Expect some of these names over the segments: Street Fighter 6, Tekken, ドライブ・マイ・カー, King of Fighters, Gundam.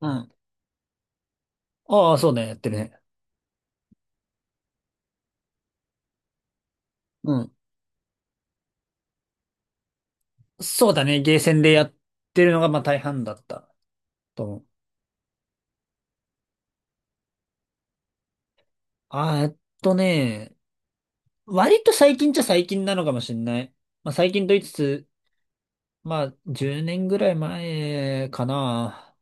うん。ああ、そうね、やってるね。うん。そうだね、ゲーセンでやってるのがまあ大半だったと思う。あー、えっとね、割と最近っちゃ最近なのかもしれない。まあ最近と言いつつ、まあ10年ぐらい前かな、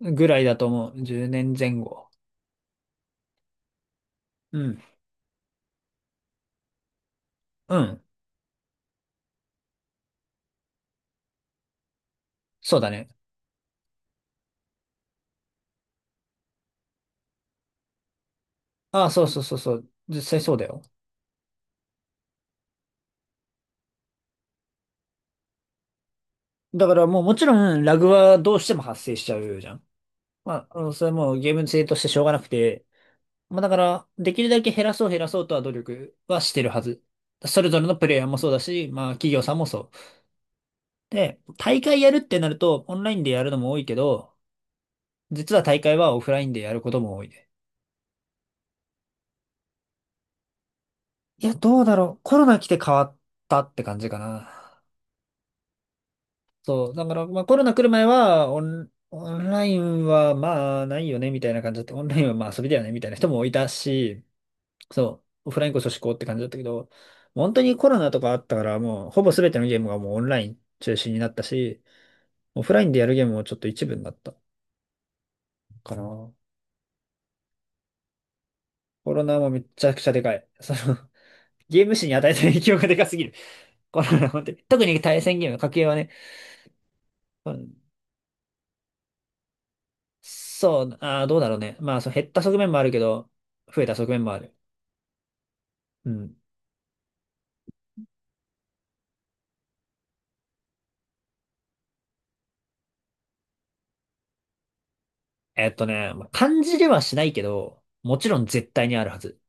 ぐらいだと思う。10年前後。うん。うん。そうだね。ああ、そうそうそうそう。実際そうだよ。だからもうもちろんラグはどうしても発生しちゃうじゃん。まあ、それはもうゲーム性としてしょうがなくて、まあだから、できるだけ減らそう減らそうとは努力はしてるはず。それぞれのプレイヤーもそうだし、まあ企業さんもそう。で、大会やるってなると、オンラインでやるのも多いけど、実は大会はオフラインでやることも多いね。いや、どうだろう。コロナ来て変わったって感じかな。そう。だから、まあコロナ来る前は、オンラインはまあないよね、みたいな感じだって、オンラインはまあ遊びだよね、みたいな人もいたし、そう、オフラインこそ至高って感じだったけど、本当にコロナとかあったから、もうほぼ全てのゲームがもうオンライン中心になったし、オフラインでやるゲームもちょっと一部になったかな。コロナもめちゃくちゃでかい。ゲーム史に与えた影響がでかすぎる。コロナ、本当に。特に対戦ゲーム、家計はね。うん。そう、どうだろうね。まあ、そう、減った側面もあるけど、増えた側面もある。うん。まあ感じではしないけど、もちろん絶対にあるはず。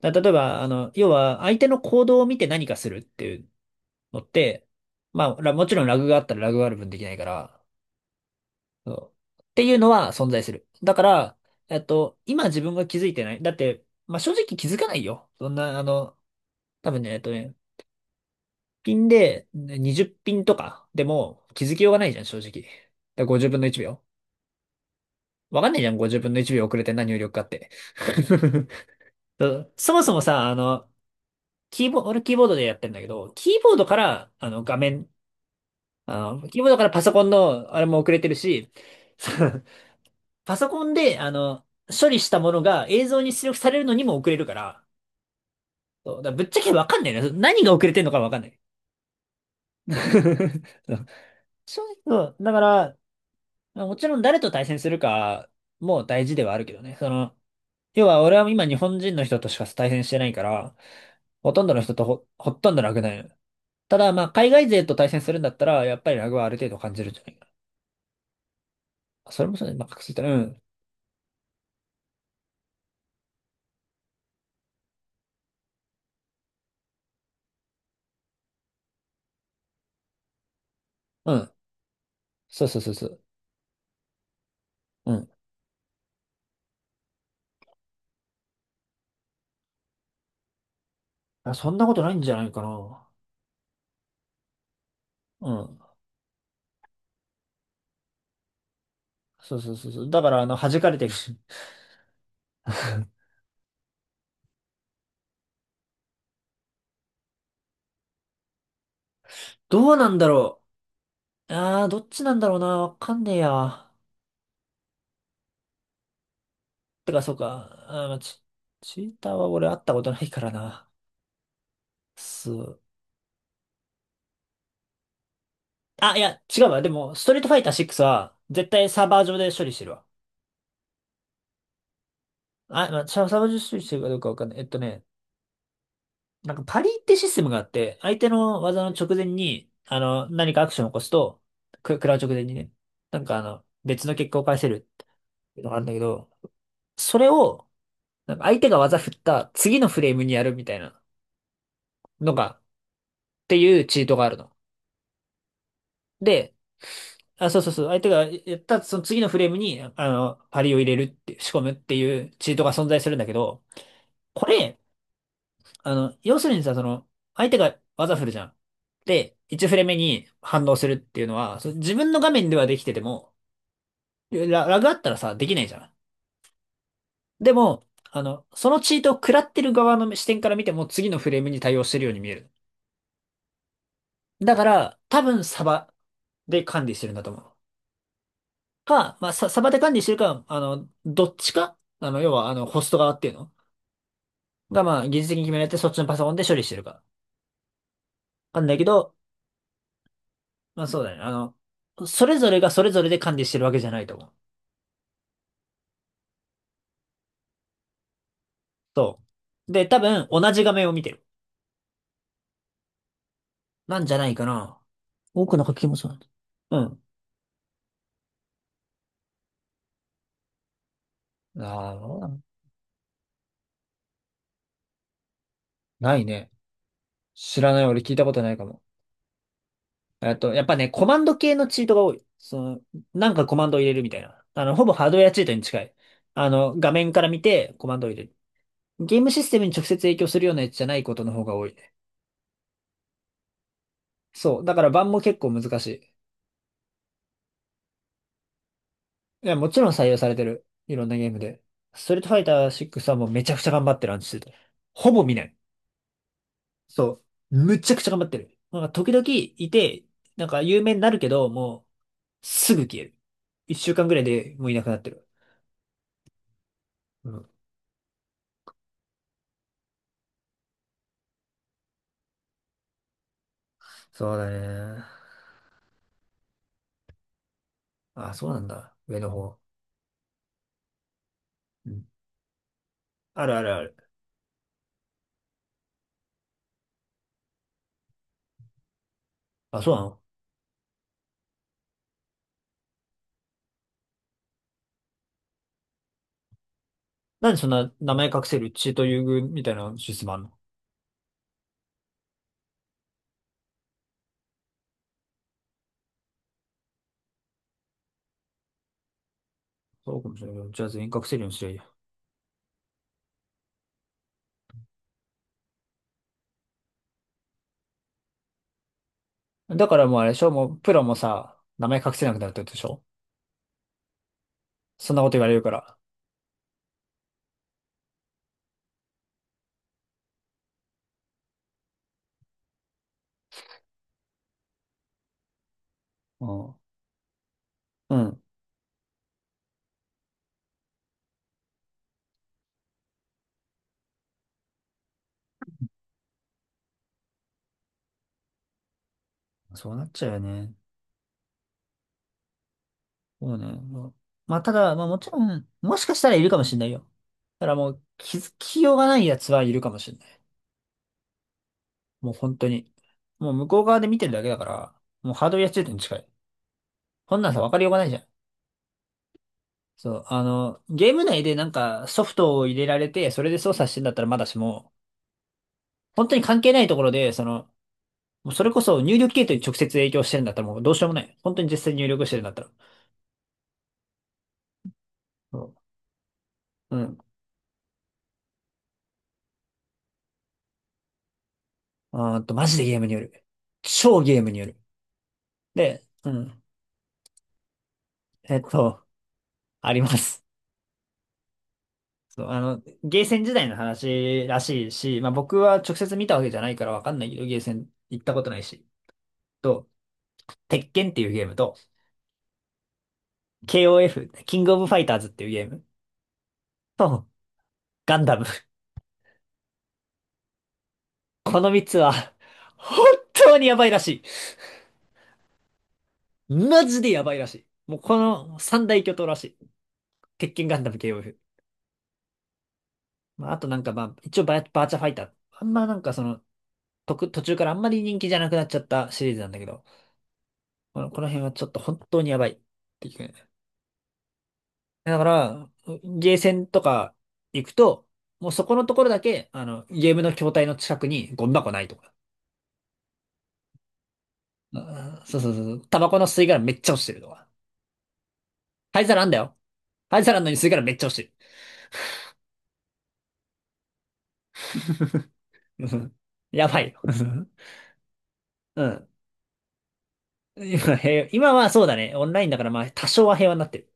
例えば、要は、相手の行動を見て何かするっていうのって、まあ、もちろんラグがあったらラグがある分できないから、そうっていうのは存在する。だから、今自分が気づいてない。だって、まあ、正直気づかないよ。そんな、多分ね、ピンでね20ピンとかでも気づきようがないじゃん、正直。だから50分の1秒。わかんないじゃん、50分の1秒遅れて何入力かって。そう、そもそもさ、キーボード、俺キーボードでやってんだけど、キーボードから、画面、キーボードからパソコンの、あれも遅れてるし、そう、パソコンで、処理したものが映像に出力されるのにも遅れるから、そう、だからぶっちゃけわかんないね。何が遅れてんのかわかんない。そう、正直そうだから、もちろん誰と対戦するかも大事ではあるけどね。要は俺は今日本人の人としか対戦してないから、ほとんどの人とほとんどなくないの。ただ、まあ、海外勢と対戦するんだったら、やっぱりラグはある程度感じるんじゃないかな。あそれもそうね。まあ、確実に。うん。うん。そうそうそうそう。うん。あ、そんなことないんじゃないかな。うん。そうそうそうそう。だから、弾かれてるし。どうなんだろう。ああ、どっちなんだろうな。わかんねえや。てか、そうか。まあ、チーターは俺会ったことないからな。そう。あ、いや、違うわ。でも、ストリートファイター6は、絶対サーバー上で処理してるわ。あ、まあ、サーバー上で処理してるかどうかわかんない。なんかパリってシステムがあって、相手の技の直前に、何かアクションを起こすと、食らう直前にね、なんか別の結果を返せるっていうのがあるんだけど、それを、なんか相手が技振った次のフレームにやるみたいなのが、っていうチートがあるの。で、あ、そうそうそう、相手がやったその次のフレームに、パリを入れるって、仕込むっていうチートが存在するんだけど、これ、要するにさ、相手が技振るじゃん。で、1フレ目に反応するっていうのは、自分の画面ではできてても、ラグあったらさ、できないじゃん。でも、そのチートを食らってる側の視点から見ても、次のフレームに対応してるように見える。だから、多分サバで管理してるんだと思う。まあ、サバで管理してるか、どっちか、要は、ホスト側っていうのが、まあ、技術的に決められて、そっちのパソコンで処理してるか。なんだけど、まあそうだね。それぞれがそれぞれで管理してるわけじゃないと思う。そう。で、多分同じ画面を見てる。なんじゃないかな。多くの書きもそうなんだ。うん。ああ、なないね。知らない。俺聞いたことないかも。やっぱね、コマンド系のチートが多い。なんかコマンドを入れるみたいな。ほぼハードウェアチートに近い。画面から見てコマンドを入れる。ゲームシステムに直接影響するようなやつじゃないことの方が多いね。そう。だから版も結構難しい。いや、もちろん採用されてる。いろんなゲームで。ストリートファイター6はもうめちゃくちゃ頑張ってる話してた。ほぼ見ない。そう。むちゃくちゃ頑張ってる。なんか時々いて、なんか有名になるけど、もうすぐ消える。一週間ぐらいでもういなくなってる。うん。そうだね。あ、そうなんだ。上の方。うん。あるあるある。あ、そうなの？なんでそんな名前隠せるチート優遇みたいなシステムあんの？そうかもしれないけど、じゃあ全員隠せるようにしりゃいいや。だからもうあれでしょ？もうプロもさ、名前隠せなくなるってことでしょ？そんなこと言われるから。うん。うん。そうなっちゃうよね。そうね。まあ、まあただ、まあもちろん、もしかしたらいるかもしれないよ。ただもう気づきようがないやつはいるかもしれない。もう本当に。もう向こう側で見てるだけだから、もうハードルや中点に近い。こんなんさ、わかりようがないじゃん。そう、ゲーム内でなんかソフトを入れられて、それで操作してんだったらまだしも、本当に関係ないところで、もうそれこそ入力系統に直接影響してるんだったらもうどうしようもない。本当に実際に入力してるんだったら。そう。うん。あーっと、マジでゲームによる。超ゲームによる。で、うん。えっと、あります。そう、ゲーセン時代の話らしいし、まあ僕は直接見たわけじゃないからわかんないけど、ゲーセン行ったことないし。と、鉄拳っていうゲームと、KOF、キングオブファイターズっていうゲームと、ガンダム。この3つは、本当にやばいらしい。マジでやばいらしい。もうこの三大巨頭らしい。鉄拳ガンダム KOF。まあ、あとなんかまあ、一応バーチャファイター。あんまなんかその、途中からあんまり人気じゃなくなっちゃったシリーズなんだけど、この辺はちょっと本当にやばいっていうね。だから、ゲーセンとか行くと、もうそこのところだけ、ゲームの筐体の近くにゴミ箱ないとか。あそうそうそうそう。タバコの吸い殻めっちゃ落ちてるとか。灰皿あんだよ。灰皿あんのに吸い殻めっちゃ落ちてる。うん。やばいよ。うん。今、平和今はそうだね。オンラインだからまあ多少は平和になってる。